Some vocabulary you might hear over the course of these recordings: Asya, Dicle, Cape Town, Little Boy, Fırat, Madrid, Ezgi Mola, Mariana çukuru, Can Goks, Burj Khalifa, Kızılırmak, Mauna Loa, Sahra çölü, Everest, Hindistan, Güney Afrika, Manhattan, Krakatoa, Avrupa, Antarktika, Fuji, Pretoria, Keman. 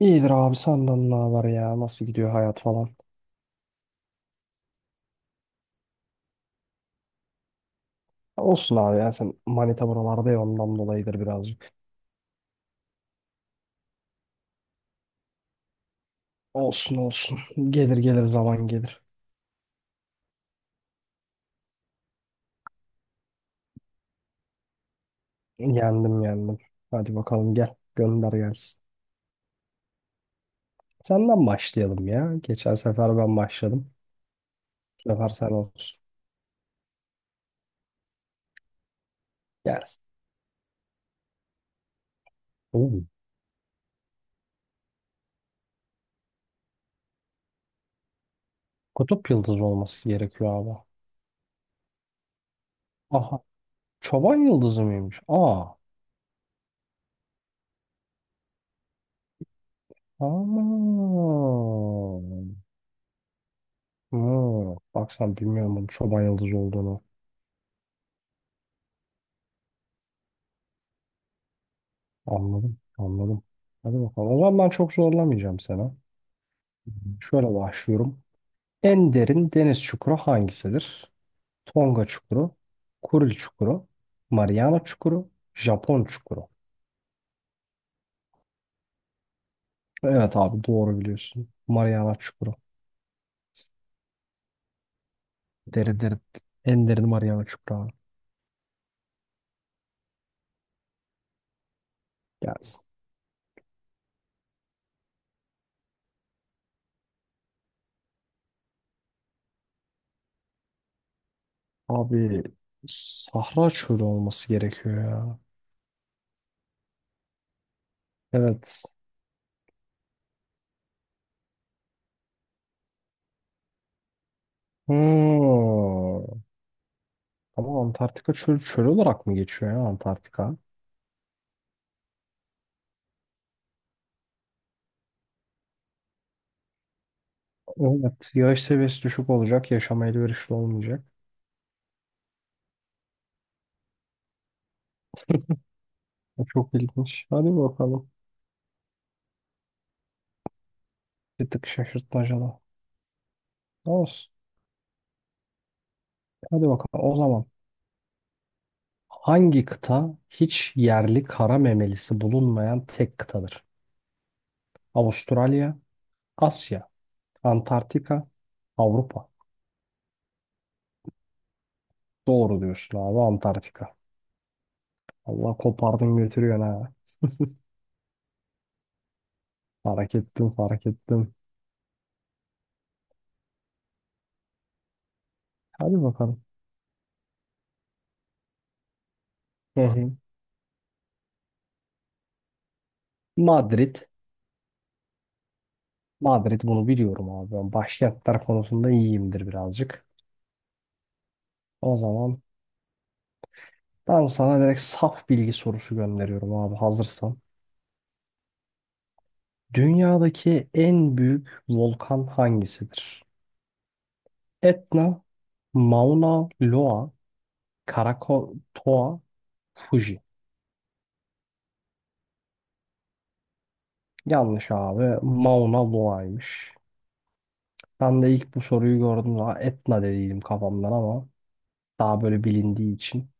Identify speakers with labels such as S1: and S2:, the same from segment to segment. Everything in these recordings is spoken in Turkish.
S1: İyidir abi, senden ne haber ya? Nasıl gidiyor hayat falan? Olsun abi ya, sen manita buralarda ya, ondan dolayıdır birazcık. Olsun olsun. Gelir gelir, zaman gelir. Yendim yendim. Hadi bakalım, gel. Gönder gelsin. Senden başlayalım ya. Geçen sefer ben başladım. Bu sefer sen olsun. Gelsin. Oo, kutup yıldızı olması gerekiyor abi. Aha. Çoban yıldızı mıymış? Aa. Aman. Hmm. Bak sen, bilmiyorum bunun çoban yıldızı olduğunu. Anladım, anladım. Hadi bakalım. O zaman ben çok zorlamayacağım sana. Şöyle başlıyorum. En derin deniz çukuru hangisidir? Tonga çukuru, Kuril çukuru, Mariana çukuru, Japon çukuru. Evet abi, doğru biliyorsun. Mariana çukuru. Deri deri. En derin Mariana çukuru abi. Gelsin. Abi, Sahra çölü olması gerekiyor ya. Evet. Hmm. Ama Antarktika çölü çöl olarak mı geçiyor ya, Antarktika? Evet, yağış seviyesi düşük olacak, yaşama elverişli olmayacak. O çok ilginç. Hadi bakalım. Bir tık şaşırtmacalı. Olsun. Hadi bakalım. O zaman hangi kıta hiç yerli kara memelisi bulunmayan tek kıtadır? Avustralya, Asya, Antarktika, Avrupa. Doğru diyorsun abi, Antarktika. Allah, kopardın götürüyorsun ha. Fark ettim, fark ettim. Hadi bakalım. Hı hı. Madrid. Madrid, bunu biliyorum abi. Ben başkentler konusunda iyiyimdir birazcık. O zaman ben sana direkt saf bilgi sorusu gönderiyorum abi, hazırsan. Dünyadaki en büyük volkan hangisidir? Etna, Mauna Loa, Krakatoa, Fuji. Yanlış abi. Mauna Loa'ymış. Ben de ilk bu soruyu gördüm, daha Etna dediydim kafamdan ama daha böyle bilindiği için.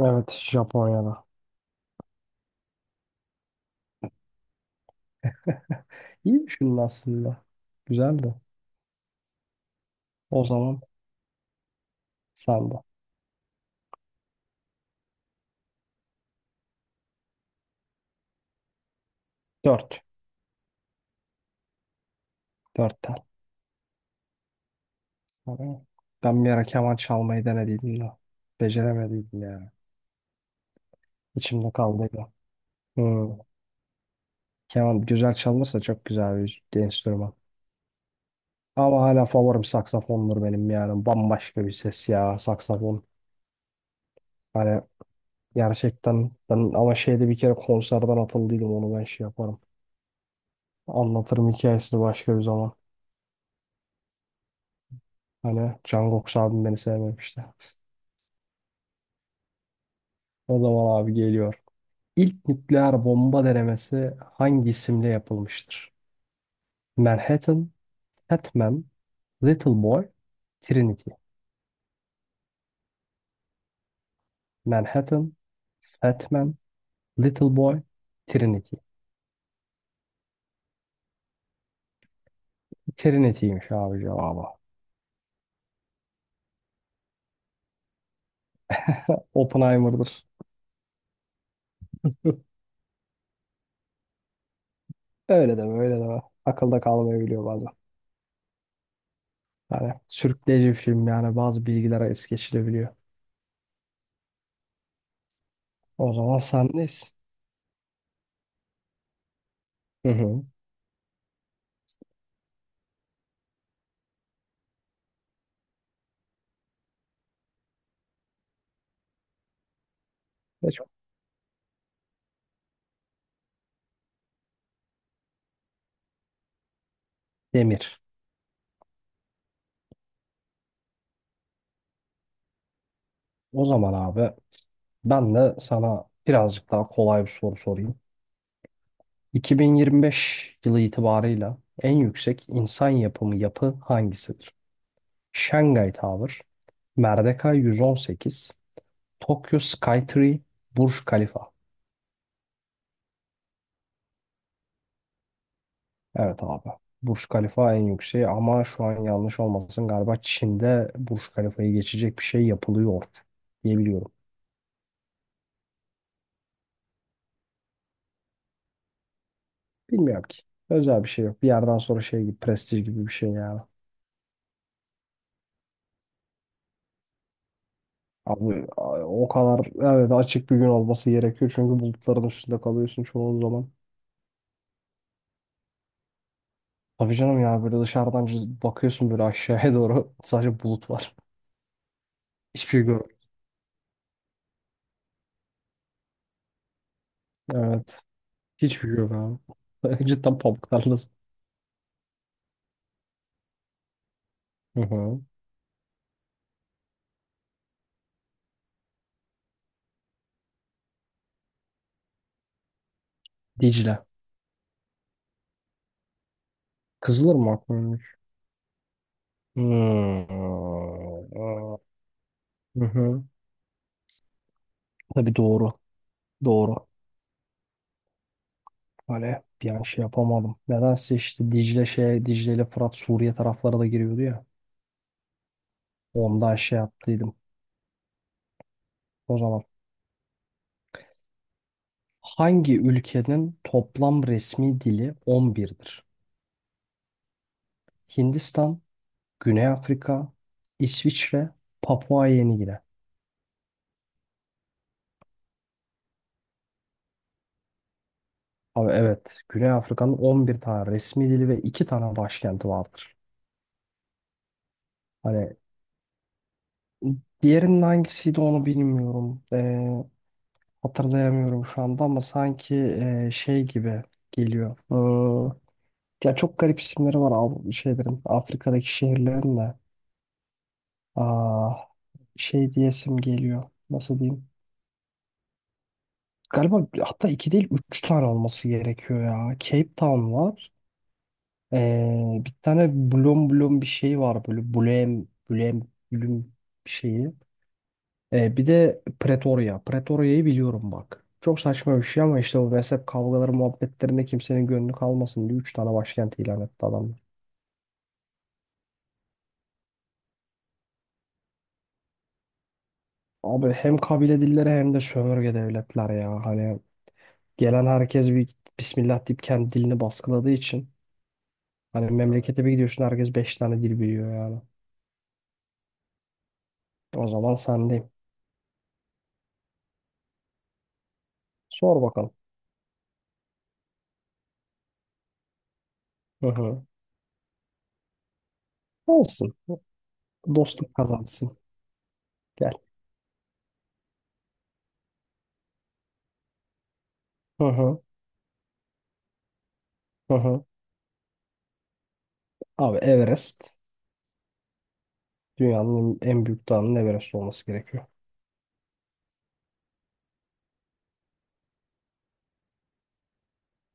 S1: Evet, Japonya'da. İyi düşündün aslında. Güzeldi. O zaman sen de. Dört. 4. Ama ben bir ara keman çalmayı denediydim de. Beceremediydim yani. İçimde kaldıydı. Hmm. Keman güzel çalınırsa çok güzel bir enstrüman. Ama hala favorim saksafondur benim yani. Bambaşka bir ses ya, saksafon. Hani gerçekten ben ama şeyde bir kere konserden atıldıydım, onu ben şey yaparım. Anlatırım hikayesini başka bir zaman. Hani Can Goks abim beni sevmemişti. O zaman abi geliyor. İlk nükleer bomba denemesi hangi isimle yapılmıştır? Manhattan, Batman, Little Boy, Trinity. Manhattan, Batman, Little Boy, Trinity. Trinity'ymiş abi cevabı. Oppenheimer'dır. Öyle deme, öyle deme. Akılda kalmayabiliyor bazen. Yani sürükleyici bir film, yani bazı bilgilere es geçilebiliyor. O zaman sendeyiz. Hı hı. Ve çok demir. O zaman abi, ben de sana birazcık daha kolay bir soru sorayım. 2025 yılı itibarıyla en yüksek insan yapımı yapı hangisidir? Şangay Tower, Merdeka 118, Tokyo Skytree, Burj Khalifa. Evet abi. Burj Khalifa en yükseği, ama şu an yanlış olmasın, galiba Çin'de Burj Khalifa'yı geçecek bir şey yapılıyor diye biliyorum. Bilmiyorum ki. Özel bir şey yok. Bir yerden sonra şey gibi, prestij gibi bir şey yani. Abi, o kadar evet, açık bir gün olması gerekiyor çünkü bulutların üstünde kalıyorsun çoğu zaman. Tabii canım ya, böyle dışarıdan bakıyorsun böyle aşağıya doğru sadece bulut var. Hiçbir şey görmüyorum. Hiçbir şey yok abi. Cidden pamuk tarlası. Hı hı. Dicle. Kızılırmak mıymış? Hmm. Hı hı. Tabii, doğru. Doğru. Hani bir an şey yapamadım. Nedense işte Dicle şey, Dicle ile Fırat Suriye taraflara da giriyordu ya. Ondan şey yaptıydım. O zaman hangi ülkenin toplam resmi dili 11'dir? Hindistan, Güney Afrika, İsviçre, Papua Yeni Gine. Abi, evet. Güney Afrika'nın 11 tane resmi dili ve 2 tane başkenti vardır. Hani diğerinin hangisiydi onu bilmiyorum. Hatırlayamıyorum şu anda ama sanki şey gibi geliyor. Ya çok garip isimleri var abi şeylerin. Afrika'daki şehirlerin de. Aa, şey diyesim geliyor. Nasıl diyeyim? Galiba hatta 2 değil 3 tane olması gerekiyor ya. Cape Town var. Bir tane blom blom bir şey var, böyle blem blem blüm bir şeyi. Bir de Pretoria. Pretoria'yı biliyorum bak. Çok saçma bir şey ama işte o mezhep kavgaları muhabbetlerinde kimsenin gönlü kalmasın diye 3 tane başkent ilan etti adamlar. Abi hem kabile dilleri hem de sömürge devletler ya. Hani gelen herkes bir Bismillah deyip kendi dilini baskıladığı için. Hani memlekete bir gidiyorsun, herkes 5 tane dil biliyor yani. O zaman sendeyim. Sor bakalım. Hı hı. Olsun. Dostluk kazansın. Gel. Hı hı. Hı hı. Abi, Everest. Dünyanın en büyük dağının Everest olması gerekiyor.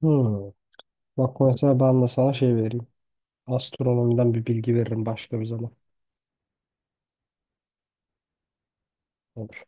S1: Hmm. Bak mesela ben de sana şey vereyim. Astronomiden bir bilgi veririm başka bir zaman. Olur.